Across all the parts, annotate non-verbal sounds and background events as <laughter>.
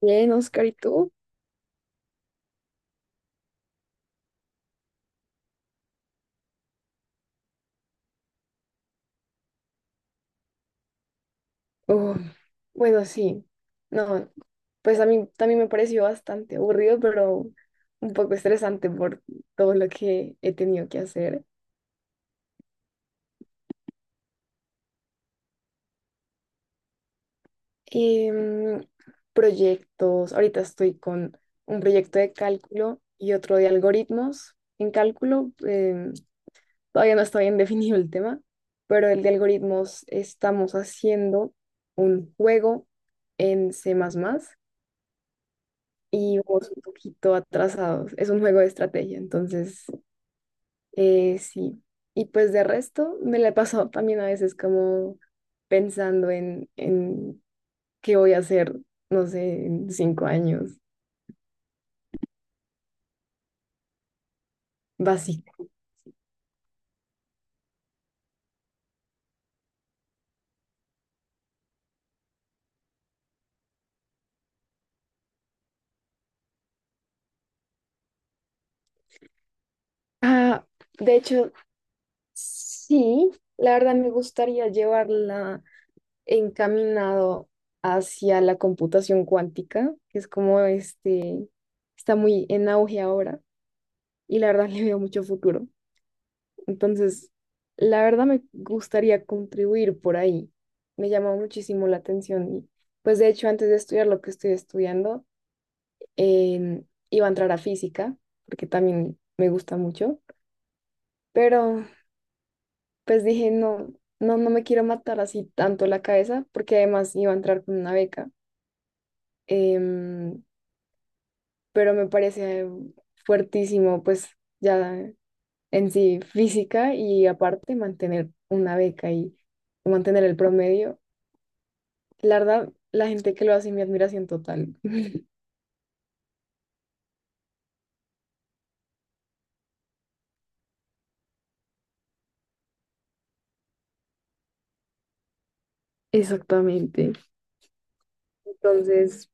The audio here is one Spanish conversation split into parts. Bien, Oscar, ¿y tú? Uf, bueno, sí. No, pues a mí también me pareció bastante aburrido, pero un poco estresante por todo lo que he tenido que hacer. Em, Proyectos. Ahorita estoy con un proyecto de cálculo y otro de algoritmos en cálculo. Todavía no está bien definido el tema, pero el de algoritmos estamos haciendo un juego en C++. Y vamos un poquito atrasados. Es un juego de estrategia, entonces sí. Y pues de resto me la he pasado también a veces como pensando en qué voy a hacer, no sé, en 5 años, básico. Ah, de hecho, sí, la verdad me gustaría llevarla encaminado hacia la computación cuántica, que es como este, está muy en auge ahora y la verdad <laughs> le veo mucho futuro. Entonces, la verdad me gustaría contribuir por ahí. Me llama muchísimo la atención. Y, pues de hecho, antes de estudiar lo que estoy estudiando, em, iba a entrar a física, porque también me gusta mucho. Pero pues dije, no, no, no me quiero matar así tanto la cabeza, porque además iba a entrar con una beca. Em, pero me parece fuertísimo, pues ya en sí física y aparte mantener una beca y mantener el promedio. La verdad, la gente que lo hace, mi admiración total. <laughs> Exactamente. Entonces,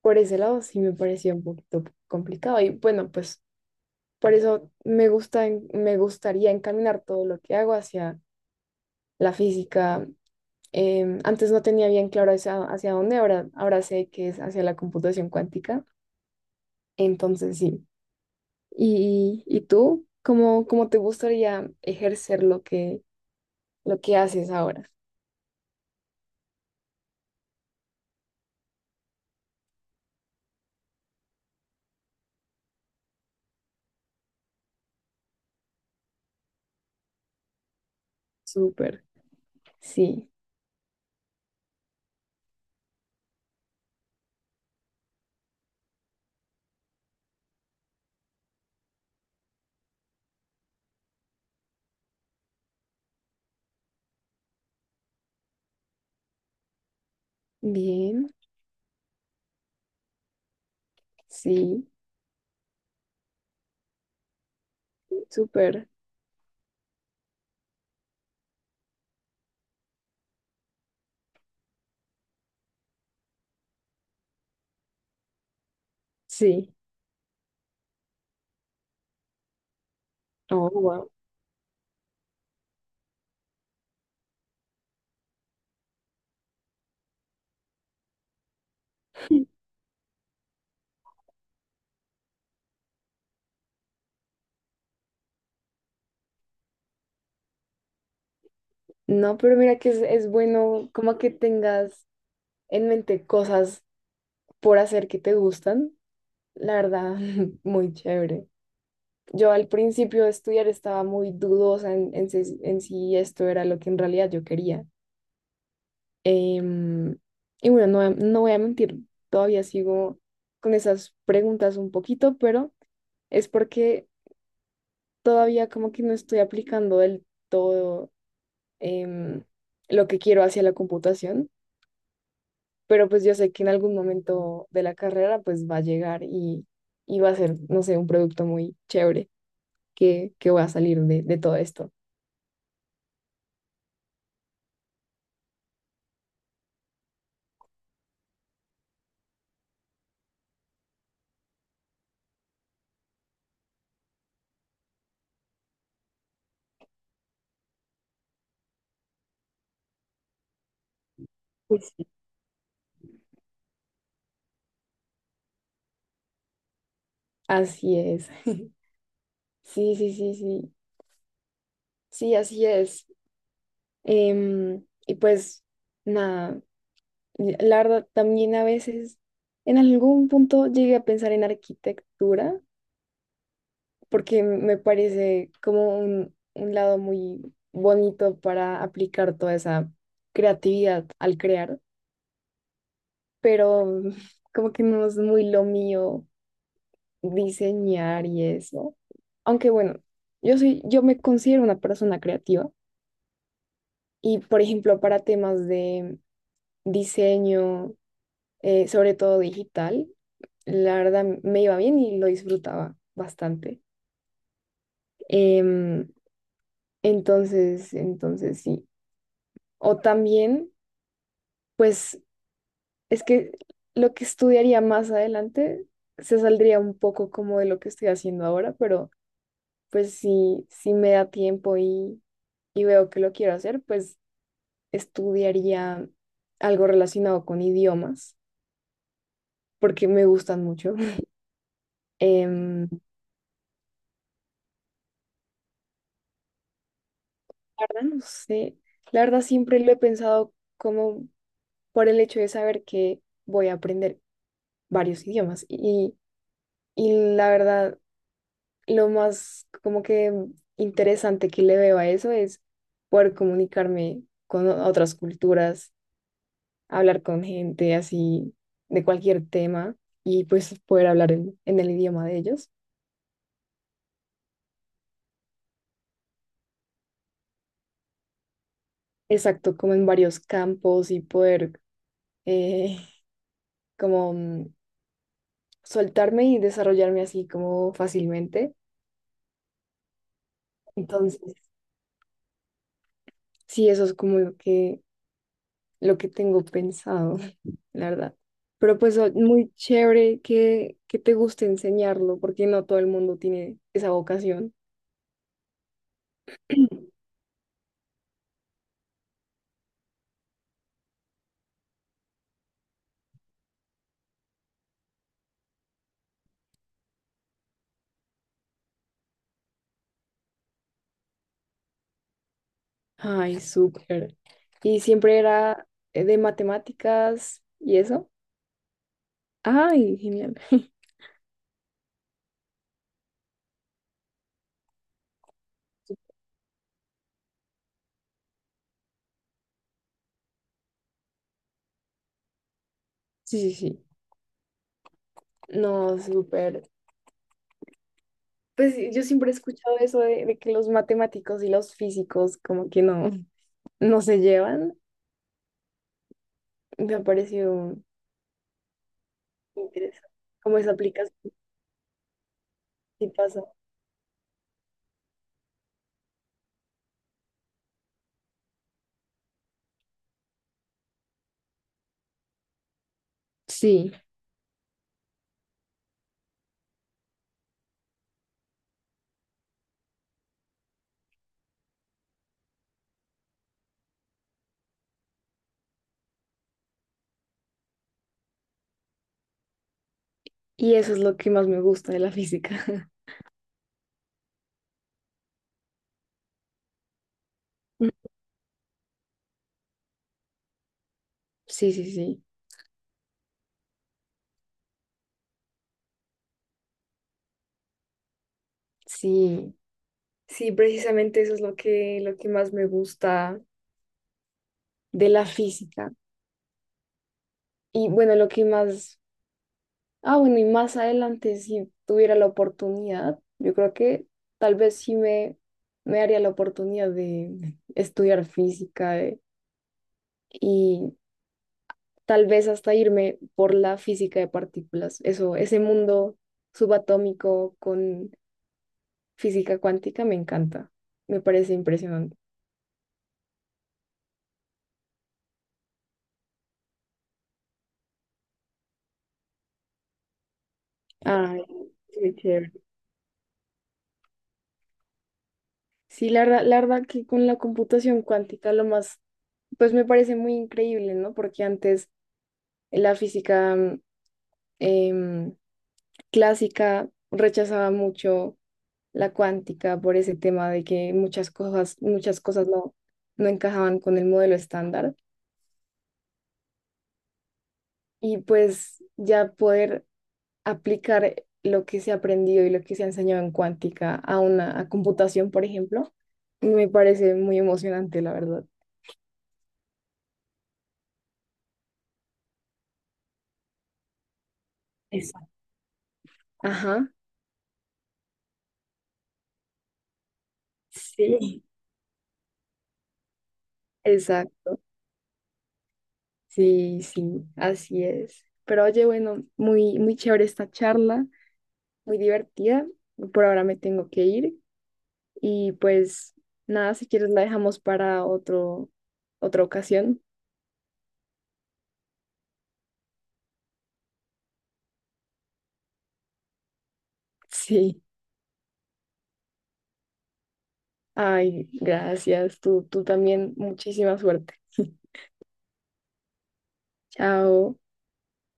por ese lado sí me parecía un poquito complicado. Y bueno, pues por eso me gusta, me gustaría encaminar todo lo que hago hacia la física. Antes no tenía bien claro hacia dónde, ahora sé que es hacia la computación cuántica. Entonces, sí. ¿Y tú? ¿Cómo te gustaría ejercer lo que haces ahora? Súper. Sí. Bien. Sí, súper. Sí. Oh, wow. No, pero mira que es bueno como que tengas en mente cosas por hacer que te gustan. La verdad, <laughs> muy chévere. Yo al principio de estudiar estaba muy dudosa en si esto era lo que en realidad yo quería. Em, y bueno, no, no voy a mentir, todavía sigo con esas preguntas un poquito, pero es porque todavía como que no estoy aplicando del todo em, lo que quiero hacia la computación, pero pues yo sé que en algún momento de la carrera pues va a llegar y va a ser, no sé, un producto muy chévere que va a salir de todo esto. Pues sí. Así es. <laughs> Sí, sí, sí, sí. Sí, así es. Y pues nada, y la verdad, también a veces en algún punto llegué a pensar en arquitectura porque me parece como un lado muy bonito para aplicar toda esa creatividad al crear, pero <laughs> como que no es muy lo mío diseñar y eso. Aunque bueno, yo me considero una persona creativa y por ejemplo para temas de diseño, sobre todo digital, la verdad me iba bien y lo disfrutaba bastante. Em, entonces, sí. O también. Pues es que lo que estudiaría más adelante se saldría un poco como de lo que estoy haciendo ahora, pero pues si me da tiempo y veo que lo quiero hacer, pues estudiaría algo relacionado con idiomas, porque me gustan mucho. <laughs> Em, la verdad, no sé. La verdad, siempre lo he pensado como por el hecho de saber que voy a aprender varios idiomas. Y la verdad, lo más como que interesante que le veo a eso es poder comunicarme con otras culturas, hablar con gente así de cualquier tema y pues poder hablar en el idioma de ellos. Exacto, como en varios campos y poder eh, como soltarme y desarrollarme así como fácilmente. Entonces, sí, eso es como lo que tengo pensado. La verdad. Pero pues muy chévere que te guste enseñarlo, porque no todo el mundo tiene esa vocación. <clears throat> Ay, súper. Y siempre era de matemáticas y eso. Ay, genial. <laughs> Sí, sí, sí. No, súper. Pues sí, yo siempre he escuchado eso de que los matemáticos y los físicos como que no, <laughs> no se llevan. Me ha parecido interesante. Como esa aplicación sí pasa. Sí, y eso es lo que más me gusta de la física. <laughs> Mm, sí, sí, sí, sí, sí, precisamente eso es lo que más me gusta de la física. Y bueno, lo que más, ah, bueno, y más adelante, si tuviera la oportunidad, yo creo que tal vez sí me haría la oportunidad de estudiar física, y tal vez hasta irme por la física de partículas. Eso, ese mundo subatómico con física cuántica me encanta, me parece impresionante. Ay, qué chévere. Sí, la verdad que con la computación cuántica lo más, pues me parece muy increíble, ¿no? Porque antes la física em, clásica rechazaba mucho la cuántica por ese tema de que muchas cosas no, no encajaban con el modelo estándar. Y pues ya poder aplicar lo que se ha aprendido y lo que se ha enseñado en cuántica a una a computación, por ejemplo, me parece muy emocionante, la verdad. Exacto. Ajá. Sí, exacto. Sí, sí, así es. Pero oye, bueno, muy, muy chévere esta charla, muy divertida. Por ahora me tengo que ir y pues nada, si quieres la dejamos para otra ocasión. <laughs> Sí. Ay, gracias. Tú también, muchísima suerte. <laughs> Chao.